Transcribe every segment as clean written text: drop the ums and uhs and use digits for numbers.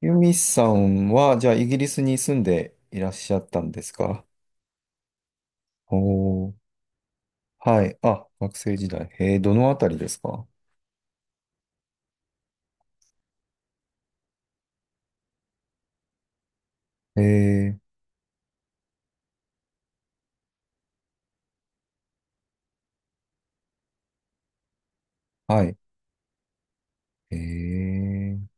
ユミさんは、じゃあ、イギリスに住んでいらっしゃったんですか？おー。はい。あ、学生時代。どのあたりですか？えー。はい。えー、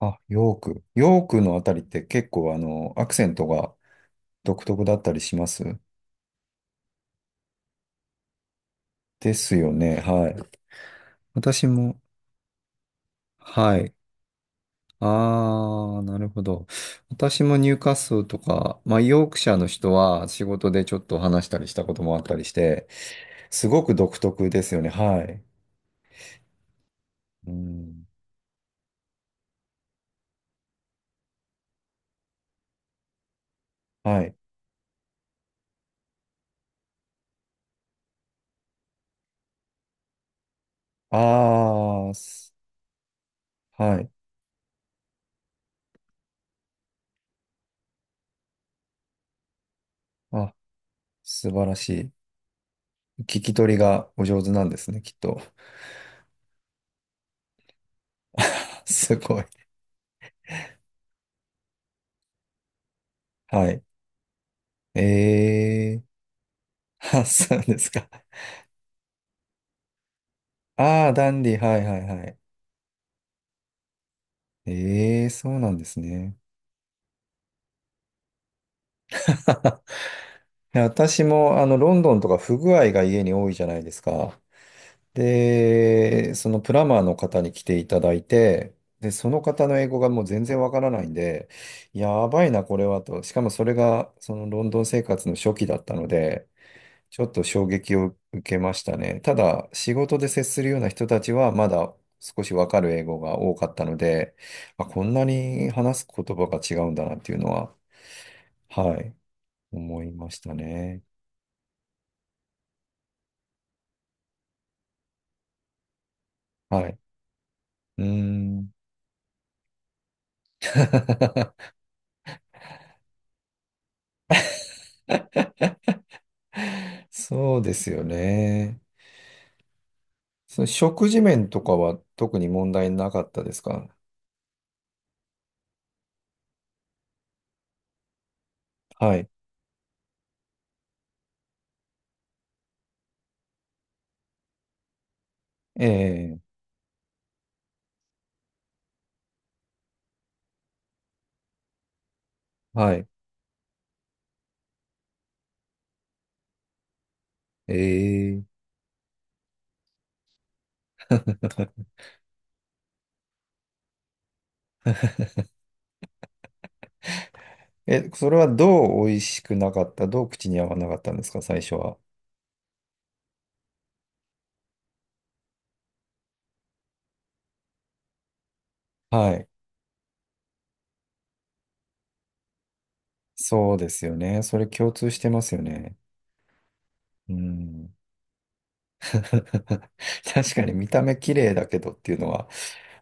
あ、ヨーク。ヨークのあたりって結構、アクセントが独特だったりしますですよね。はい。私も、はい。あー、なるほど。私もニューカッスルとか、まあ、ヨークシャーの人は仕事でちょっと話したりしたこともあったりして、すごく独特ですよね。はい。うん。はい。ああはい。あ、素晴らしい。聞き取りがお上手なんですね、きっと。すごい。はい。ええー。あ、そうですか。ああ、ダンディ、はいはいはい。ええー、そうなんですね。いや私も、ロンドンとか不具合が家に多いじゃないですか。で、そのプランマーの方に来ていただいて、で、その方の英語がもう全然わからないんで、やばいな、これはと。しかもそれが、そのロンドン生活の初期だったので、ちょっと衝撃を受けましたね。ただ、仕事で接するような人たちは、まだ少しわかる英語が多かったので、まあ、こんなに話す言葉が違うんだなっていうのは、はい、思いましたね。はい。うーん。そうですよね。その食事面とかは特に問題なかったですか？はい。ええ、はい。ええ。え、それはどう美味しくなかった、どう口に合わなかったんですか、最初は。はい。そうですよね。それ共通してますよね。うん。確かに見た目綺麗だけどっていうのは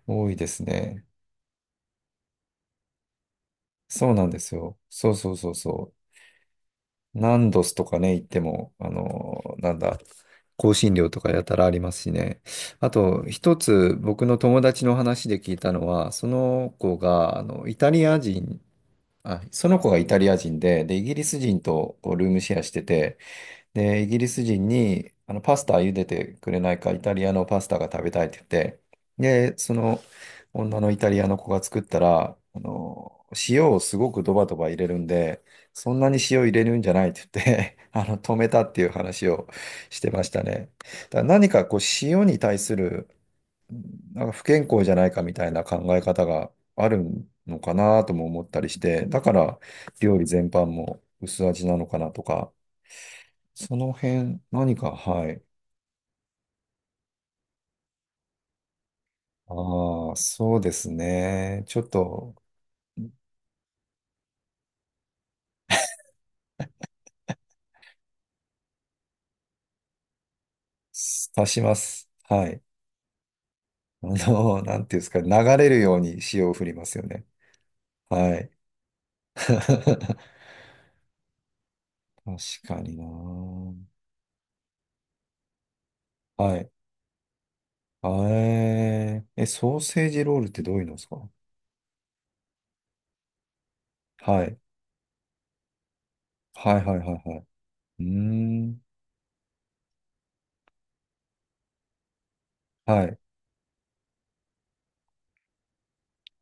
多いですね。そうなんですよ。そうそうそうそう。ナンドスとかね、行っても、あの、なんだ、香辛料とかやたらありますしね。あと、一つ僕の友達の話で聞いたのは、その子が、イタリア人、あ、その子がイタリア人で、イギリス人とこうルームシェアしてて、で、イギリス人に、パスタ茹でてくれないか、イタリアのパスタが食べたいって言って、で、その女のイタリアの子が作ったら、塩をすごくドバドバ入れるんで、そんなに塩入れるんじゃないって言って 止めたっていう話をしてましたね。だから何かこう、塩に対する、なんか不健康じゃないかみたいな考え方があるのかなとも思ったりして、だから料理全般も薄味なのかなとか、その辺、何か、はい。ああ、そうですね。ちょっと、足します。はい。なんていうんですか、流れるように塩を振りますよね。はい。確かにな。はい。え、ソーセージロールってどういうのですか？はい。はいはいはいはい。うーん。はい。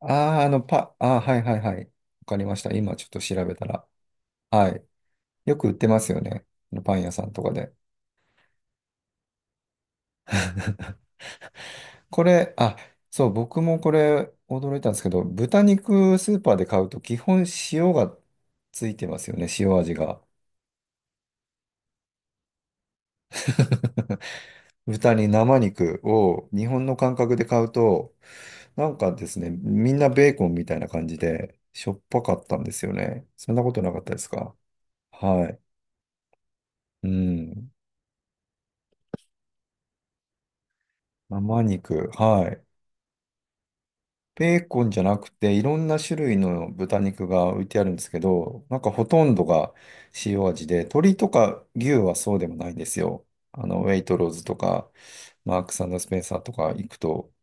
ああ、ああ、はいはいはい。わかりました。今ちょっと調べたら。はい。よく売ってますよね。パン屋さんとかで。これ、あ、そう、僕もこれ驚いたんですけど、豚肉スーパーで買うと基本塩がついてますよね、塩味が。豚に生肉を日本の感覚で買うと、なんかですね、みんなベーコンみたいな感じでしょっぱかったんですよね。そんなことなかったですか？はい。うん。生肉。はい。ベーコンじゃなくて、いろんな種類の豚肉が置いてあるんですけど、なんかほとんどが塩味で、鶏とか牛はそうでもないんですよ。ウェイトローズとか、マークススペンサーとか行くと、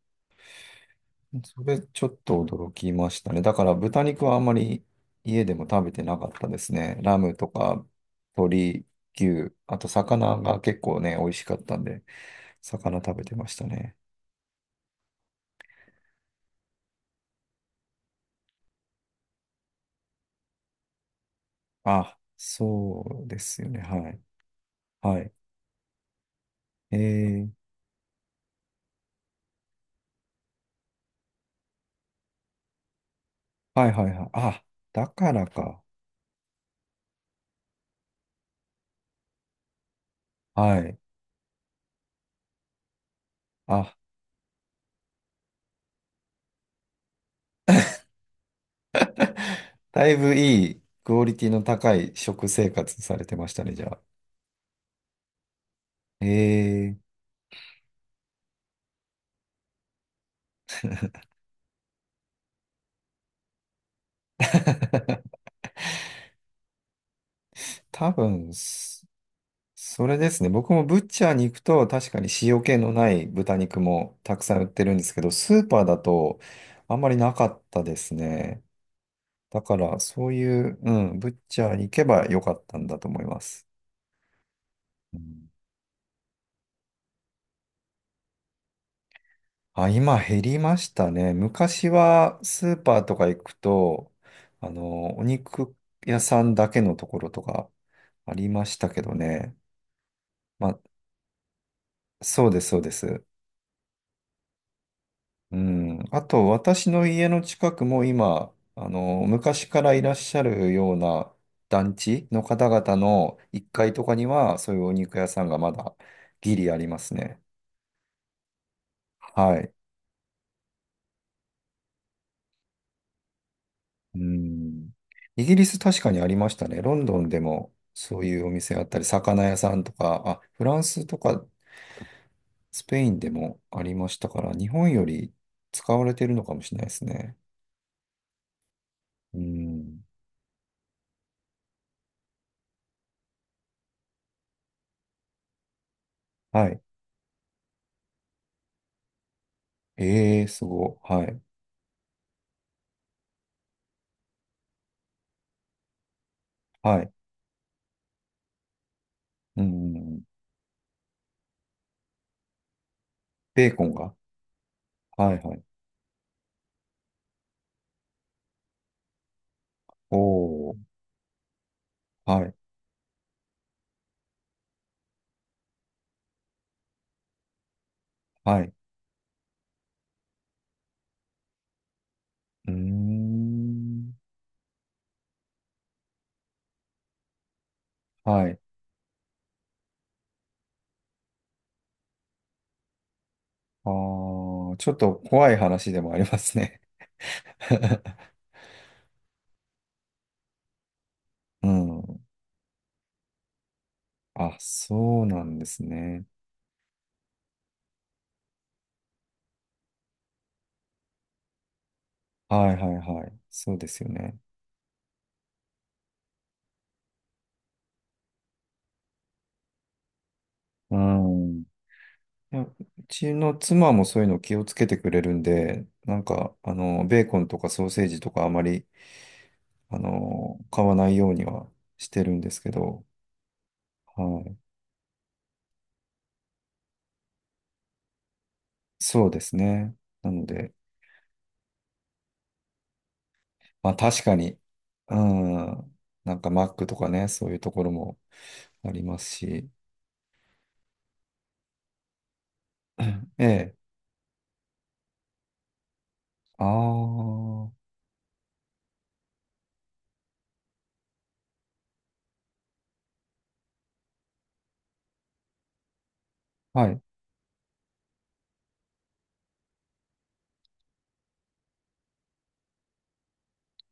それちょっと驚きましたね。だから豚肉はあんまり家でも食べてなかったですね。ラムとか鶏、牛、あと魚が結構ね、美味しかったんで、魚食べてましたね。あ、そうですよね。はい。はい。えーはいはいはい。あ、だからか。はい。あ、だいぶいいクオリティの高い食生活されてましたね、じゃあ。ええ。 多分、れですね。僕もブッチャーに行くと確かに塩気のない豚肉もたくさん売ってるんですけど、スーパーだとあんまりなかったですね。だからそういう、うん、ブッチャーに行けばよかったんだと思います。うん。あ、今減りましたね。昔はスーパーとか行くと、お肉屋さんだけのところとかありましたけどね。まあ、そうです、そうです。うん。あと、私の家の近くも今、昔からいらっしゃるような団地の方々の1階とかには、そういうお肉屋さんがまだギリありますね。はい。うん。イギリス確かにありましたね。ロンドンでもそういうお店あったり、魚屋さんとか、あ、フランスとかスペインでもありましたから、日本より使われてるのかもしれないですね。うん。はい。ええ、すごい。はい。はい。うん。ベーコンが。はいはい。おー。はい。はい。うーん。はい。あー、ちょっと怖い話でもありますね。うん。あ、そうなんですね。はいはいはい。そうですよね。うん。いや、うちの妻もそういうの気をつけてくれるんで、なんか、ベーコンとかソーセージとかあまり、買わないようにはしてるんですけど、はい。そうですね。なので、まあ確かに、うん。なんかマックとかね、そういうところもありますし、ええ。ああ、はい。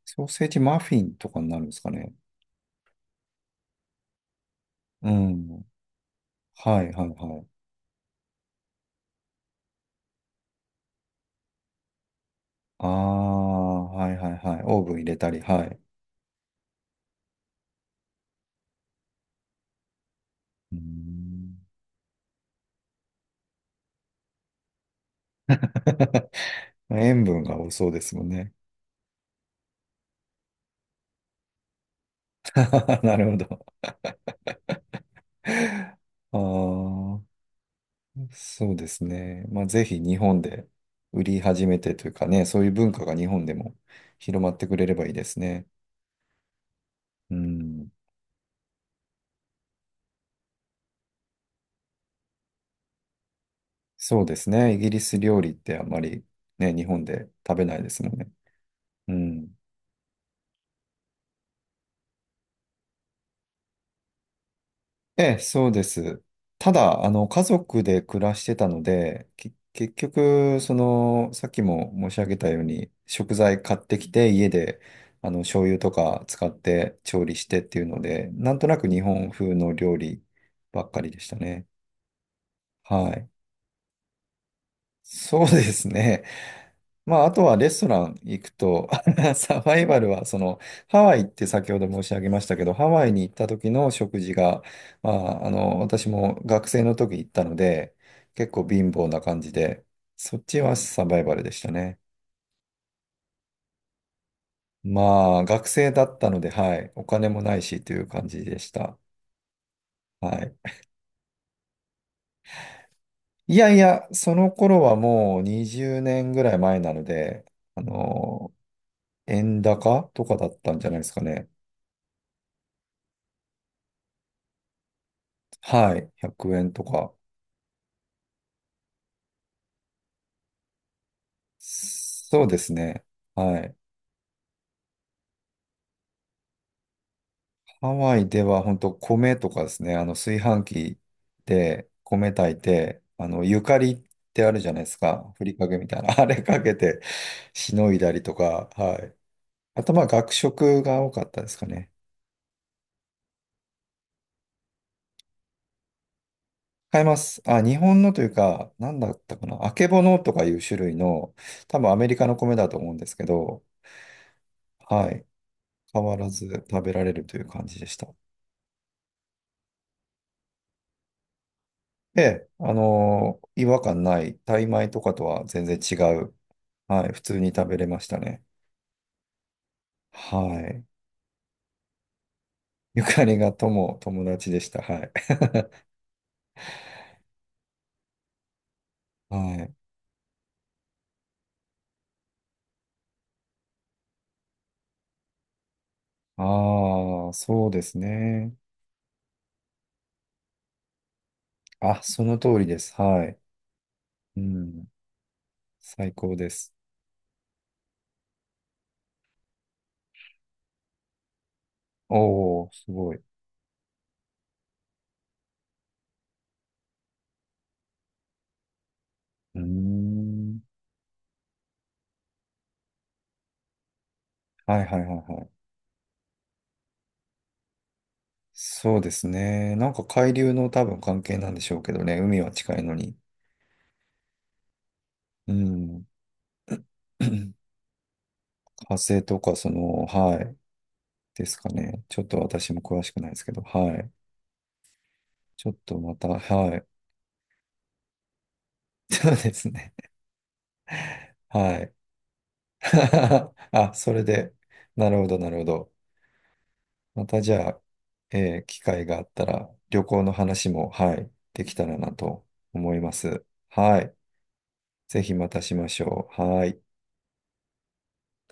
ソーセージマフィンとかになるんですかね。うん。はいはいはい。ああ、はいはいはい。オーブン入れたり、はい。うーん。 塩分が多そうですもんね。なるほど。ああ、そうですね。まあ、ぜひ日本で売り始めてというかね、そういう文化が日本でも広まってくれればいいですね。うん。そうですね。イギリス料理ってあんまりね、日本で食べないですもんね。うん。ええ、そうです。ただ、家族で暮らしてたので、結局、さっきも申し上げたように、食材買ってきて、家で、醤油とか使って調理してっていうので、なんとなく日本風の料理ばっかりでしたね。はい。そうですね。まあ、あとはレストラン行くと、サバイバルは、ハワイって先ほど申し上げましたけど、ハワイに行った時の食事が、まあ、私も学生の時行ったので、結構貧乏な感じで、そっちはサバイバルでしたね。まあ、学生だったので、はい、お金もないしという感じでした。はい。いやいや、その頃はもう20年ぐらい前なので、あの、円高とかだったんじゃないですかね。はい。100円とか。そうですね。はい。ハワイでは本当米とかですね。あの炊飯器で米炊いて、ゆかりってあるじゃないですか。ふりかけみたいな。あれかけてしのいだりとか。はい。あとまあ学食が多かったですかね。買います。あ、日本のというか、なんだったかな。あけぼのとかいう種類の、多分アメリカの米だと思うんですけど、はい。変わらず食べられるという感じでした。ええ、違和感ない、タイ米とかとは全然違う。はい、普通に食べれましたね。はい。ゆかりが友達でした。はい。はい。ああ、そうですね。あ、その通りです。はい。うん。最高です。おお、すごい。うーん。はいはいはいはい。そうですね。なんか海流の多分関係なんでしょうけどね。海は近いのに。うん。火星とか、はい。ですかね。ちょっと私も詳しくないですけど、はい。ちょっとまた、はい。そうですね。はい。あ、それで、なるほど、なるほど。またじゃあ、機会があったら、旅行の話も、はい、できたらなと思います。はい。ぜひまたしましょう。はい。